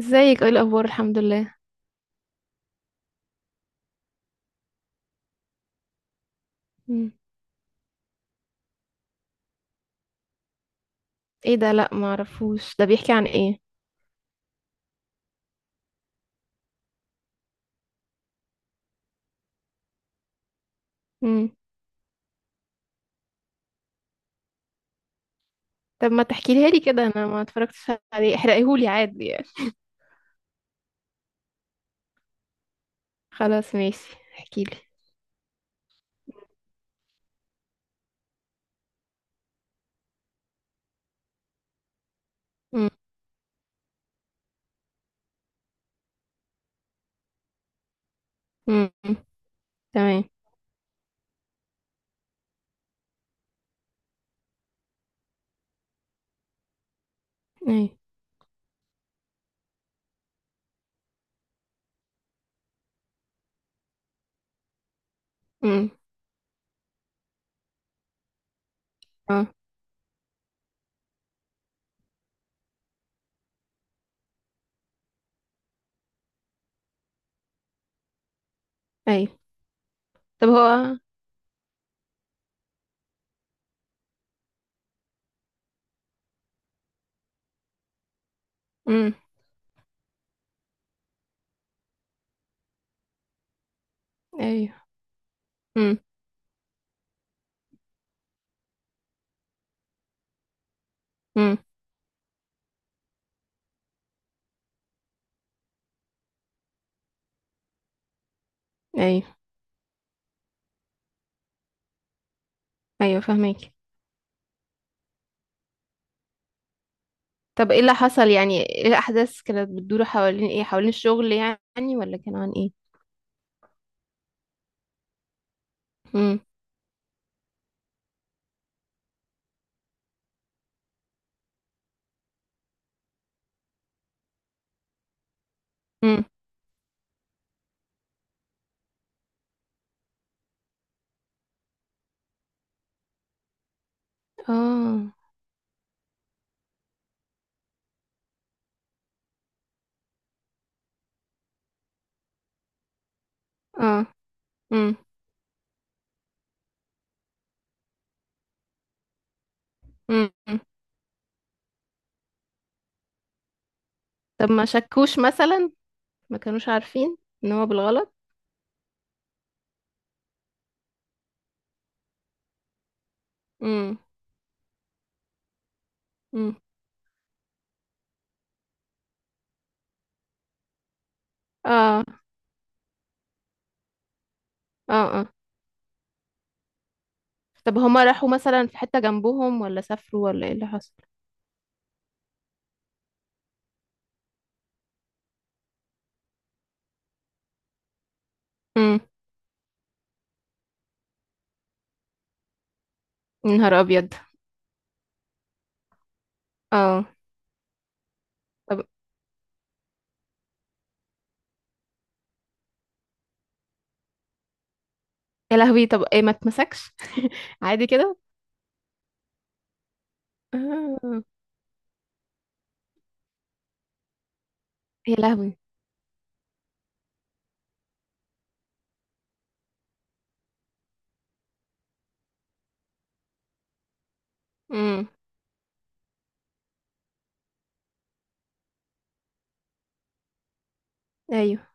ازيك، ايه الاخبار؟ الحمد لله. مم. ايه ده؟ لا ما اعرفوش، ده بيحكي عن ايه؟ مم. طب ما تحكيلي لي كده، انا ما اتفرجتش عليه، احرقيهولي عادي يعني. خلاص ماشي، احكيلي. مم. مم. تمام. اي. مم. اه. اي. طب هو، مم، ايوه. مم. مم. ايوه، ايوه فاهمك. طب ايه اللي حصل يعني؟ ايه الاحداث كانت بتدور حوالين ايه؟ حوالين الشغل يعني، ولا كان عن ايه؟ مم. مم. اه. اه. مم. مم. طب ما شكوش مثلا؟ ما كانوش عارفين ان هو بالغلط؟ امم. امم. اه. اه. اه، طب هما راحوا مثلا في حتة جنبهم، ولا سافروا، ولا ايه اللي حصل؟ امم. يا نهار ابيض. اه. طب، يا لهوي، طب ايه ما اتمسكش؟ عادي كده؟ آه. يا لهوي. امم. ايوه.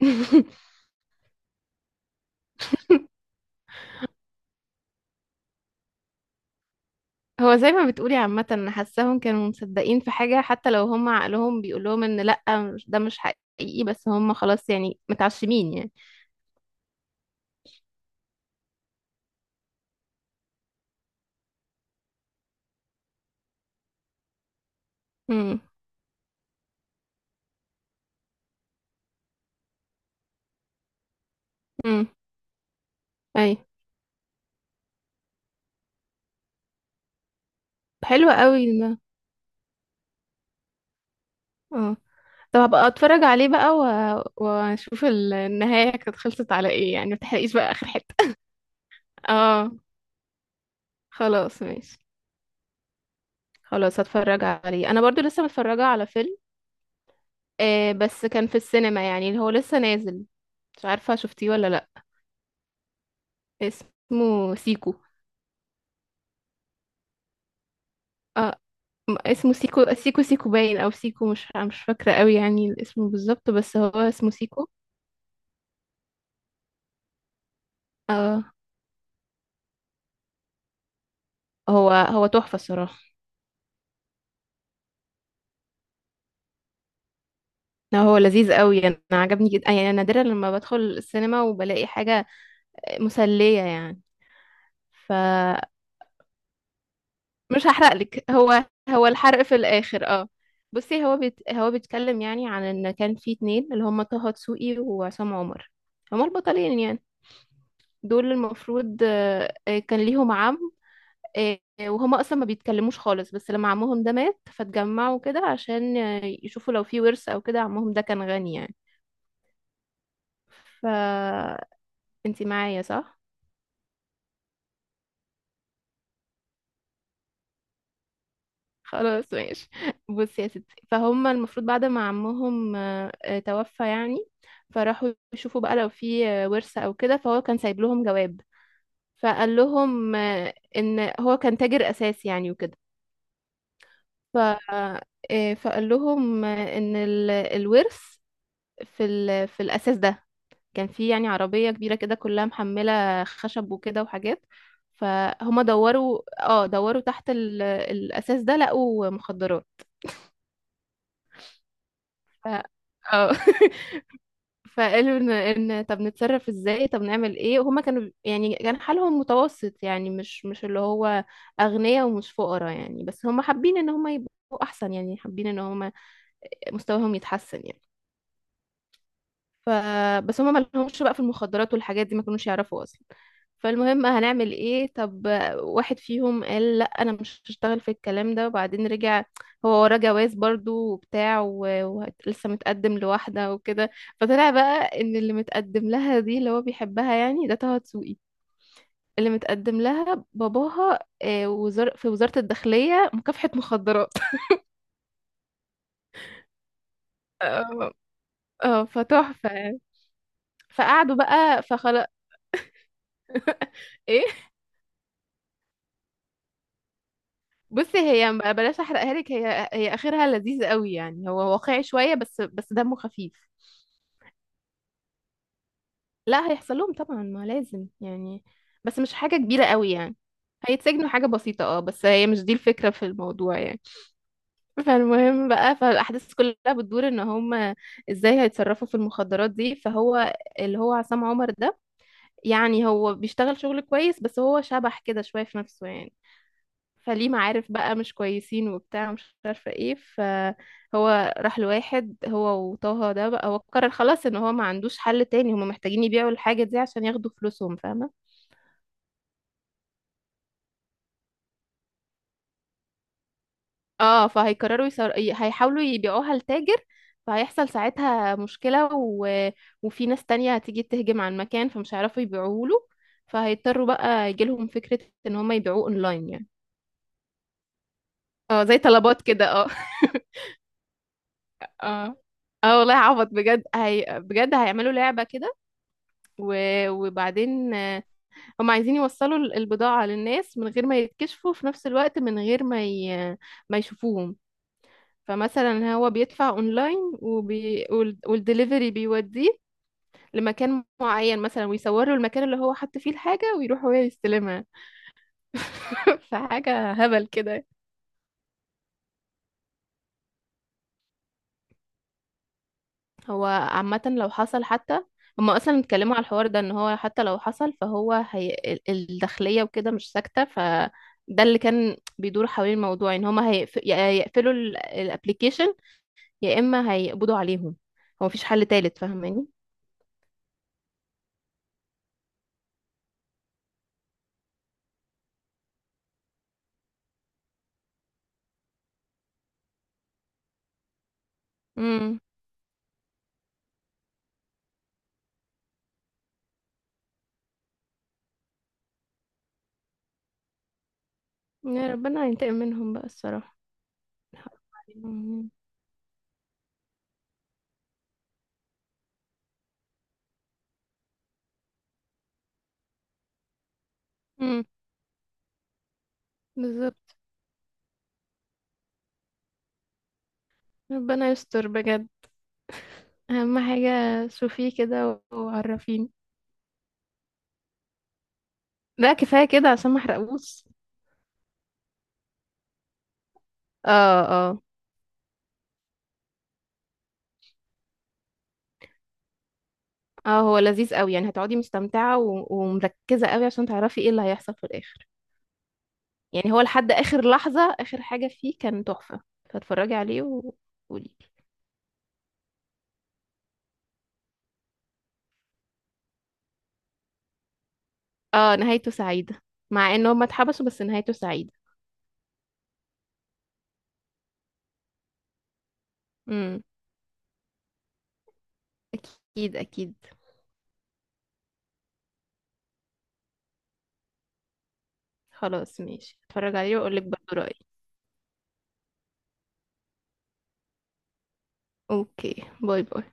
هو زي ما بتقولي، عامة انا حاساهم كانوا مصدقين في حاجة، حتى لو هم عقلهم بيقول لهم ان لأ، ده مش حقيقي، بس هم خلاص يعني متعشمين يعني. امم. امم. ايوه. حلو قوي ده. اه. طب هبقى اتفرج عليه بقى و... واشوف النهاية كانت خلصت على ايه يعني، متحرقيش بقى اخر حتة. اه. خلاص ماشي. خلاص هتفرج عليه. انا برضو لسه متفرجة على فيلم، آه بس كان في السينما يعني، اللي هو لسه نازل. مش عارفة شفتيه ولا لا. اسمه سيكو. اه. اسمه سيكو سيكو سيكو باين، او سيكو، مش فاكرة قوي يعني الاسم بالظبط، بس هو اسمه سيكو. اه. هو هو تحفة الصراحة. لا هو لذيذ قوي، انا عجبني جدا يعني. أنا نادرا لما بدخل السينما وبلاقي حاجة مسلية يعني. فمش هحرقلك، هو هو الحرق في الآخر اه. بصي، هو بيتكلم يعني عن ان كان في اتنين، اللي هم طه دسوقي وعصام عمر، هما البطلين يعني. دول المفروض، كان ليهم عم. آه، وهما اصلا ما بيتكلموش خالص، بس لما عمهم ده مات، فاتجمعوا كده عشان، آه، يشوفوا لو في ورث او كده. عمهم ده كان غني يعني. فانتي معايا، صح؟ خلاص ماشي. بصي يا ستي، فهم المفروض بعد ما عمهم، توفى يعني، فراحوا يشوفوا بقى لو في، آه، ورثة او كده. فهو كان سايب لهم جواب، فقال لهم، آه، ان هو كان تاجر اساسي يعني وكده. ف آه، فقال لهم، آه، ان الورث في في الاساس ده، كان في يعني عربية كبيرة كده كلها محملة خشب وكده وحاجات. فهم دوروا، اه دوروا تحت الاساس ده، لقوا مخدرات. ف... اه. فقالوا ان، ان طب نتصرف ازاي، طب نعمل ايه؟ وهما كانوا يعني كان حالهم متوسط يعني، مش اللي هو اغنياء، ومش فقراء يعني، بس هما حابين ان هما يبقوا احسن يعني، حابين ان هما مستواهم يتحسن يعني. ف بس هما ما لهمش بقى في المخدرات والحاجات دي، ما كانوش يعرفوا اصلا. فالمهم هنعمل ايه طب؟ واحد فيهم قال لا انا مش هشتغل في الكلام ده، وبعدين رجع. هو وراه جواز برضو وبتاع، ولسه متقدم لواحدة وكده. فطلع بقى ان اللي متقدم لها دي اللي هو بيحبها يعني، ده طه دسوقي. اللي متقدم لها باباها، آه، وزار في وزارة الداخلية مكافحة مخدرات. اه. آه، فتحفة يعني. فقعدوا بقى، فخلاص. ايه؟ بصي هي يعني، بلاش احرقها لك، هي هي اخرها لذيذ قوي يعني، هو واقعي شويه، بس دمه خفيف. لا هيحصل لهم طبعا، ما لازم يعني. بس مش حاجه كبيره قوي يعني. هيتسجنوا حاجه بسيطه اه، بس هي مش دي الفكره في الموضوع يعني. فالمهم بقى، فالاحداث كلها بتدور ان هم ازاي هيتصرفوا في المخدرات دي. فهو، اللي هو عصام عمر ده، يعني هو بيشتغل شغل كويس، بس هو شبح كده شويه في نفسه يعني. فليه معارف بقى مش كويسين وبتاع، مش عارفة ايه، فهو راح لواحد، هو وطه ده بقى. هو قرر خلاص ان هو ما عندوش حل تاني، هما محتاجين يبيعوا الحاجة دي عشان ياخدوا فلوسهم، فاهمة؟ اه. فهيقرروا هيحاولوا يبيعوها لتاجر. فهيحصل ساعتها مشكلة، و... وفي ناس تانية هتيجي تهجم على المكان، فمش هيعرفوا يبيعوه له. فهيضطروا بقى، يجيلهم فكرة ان هما يبيعوه اونلاين يعني. اه زي طلبات كده اه. اه. اه والله عبط بجد، هي بجد هيعملوا لعبة كده. وبعدين، آه، هم عايزين يوصلوا البضاعة للناس من غير ما يتكشفوا، في نفس الوقت من غير ما ما يشوفوهم. فمثلا هو بيدفع اونلاين، والدليفري بيوديه لمكان معين مثلا، ويصوروا المكان اللي هو حط فيه الحاجة، ويروح هو يستلمها. فحاجة هبل كده. هو عامة لو حصل حتى، هما أصلا اتكلموا على الحوار ده. إن هو حتى لو حصل، فهو ال- الداخلية وكده مش ساكتة. فده اللي كان بيدور حوالين الموضوع، إن هما يا يقفلوا الابليكيشن، يا إما هيقبضوا عليهم. هو مفيش حل تالت، فاهماني؟ امم. يا ربنا ينتقم منهم بقى الصراحة. حقهم عليهم. امم. بالظبط. ربنا يستر بجد. أهم حاجة شوفيه كده وعرفيني. لا كفاية كده عشان ما احرقوش. اه. اه. اه، هو لذيذ قوي يعني، هتقعدي مستمتعة ومركزة قوي عشان تعرفي ايه اللي هيحصل في الآخر يعني. هو لحد آخر لحظة آخر حاجة فيه كان تحفة. فاتفرجي عليه وقولي. اه نهايته سعيدة، مع ان هما اتحبسوا، بس نهايته سعيدة. امم. اكيد اكيد. خلاص ماشي، اتفرج عليه واقولك برضه رأيي. اوكي، باي باي.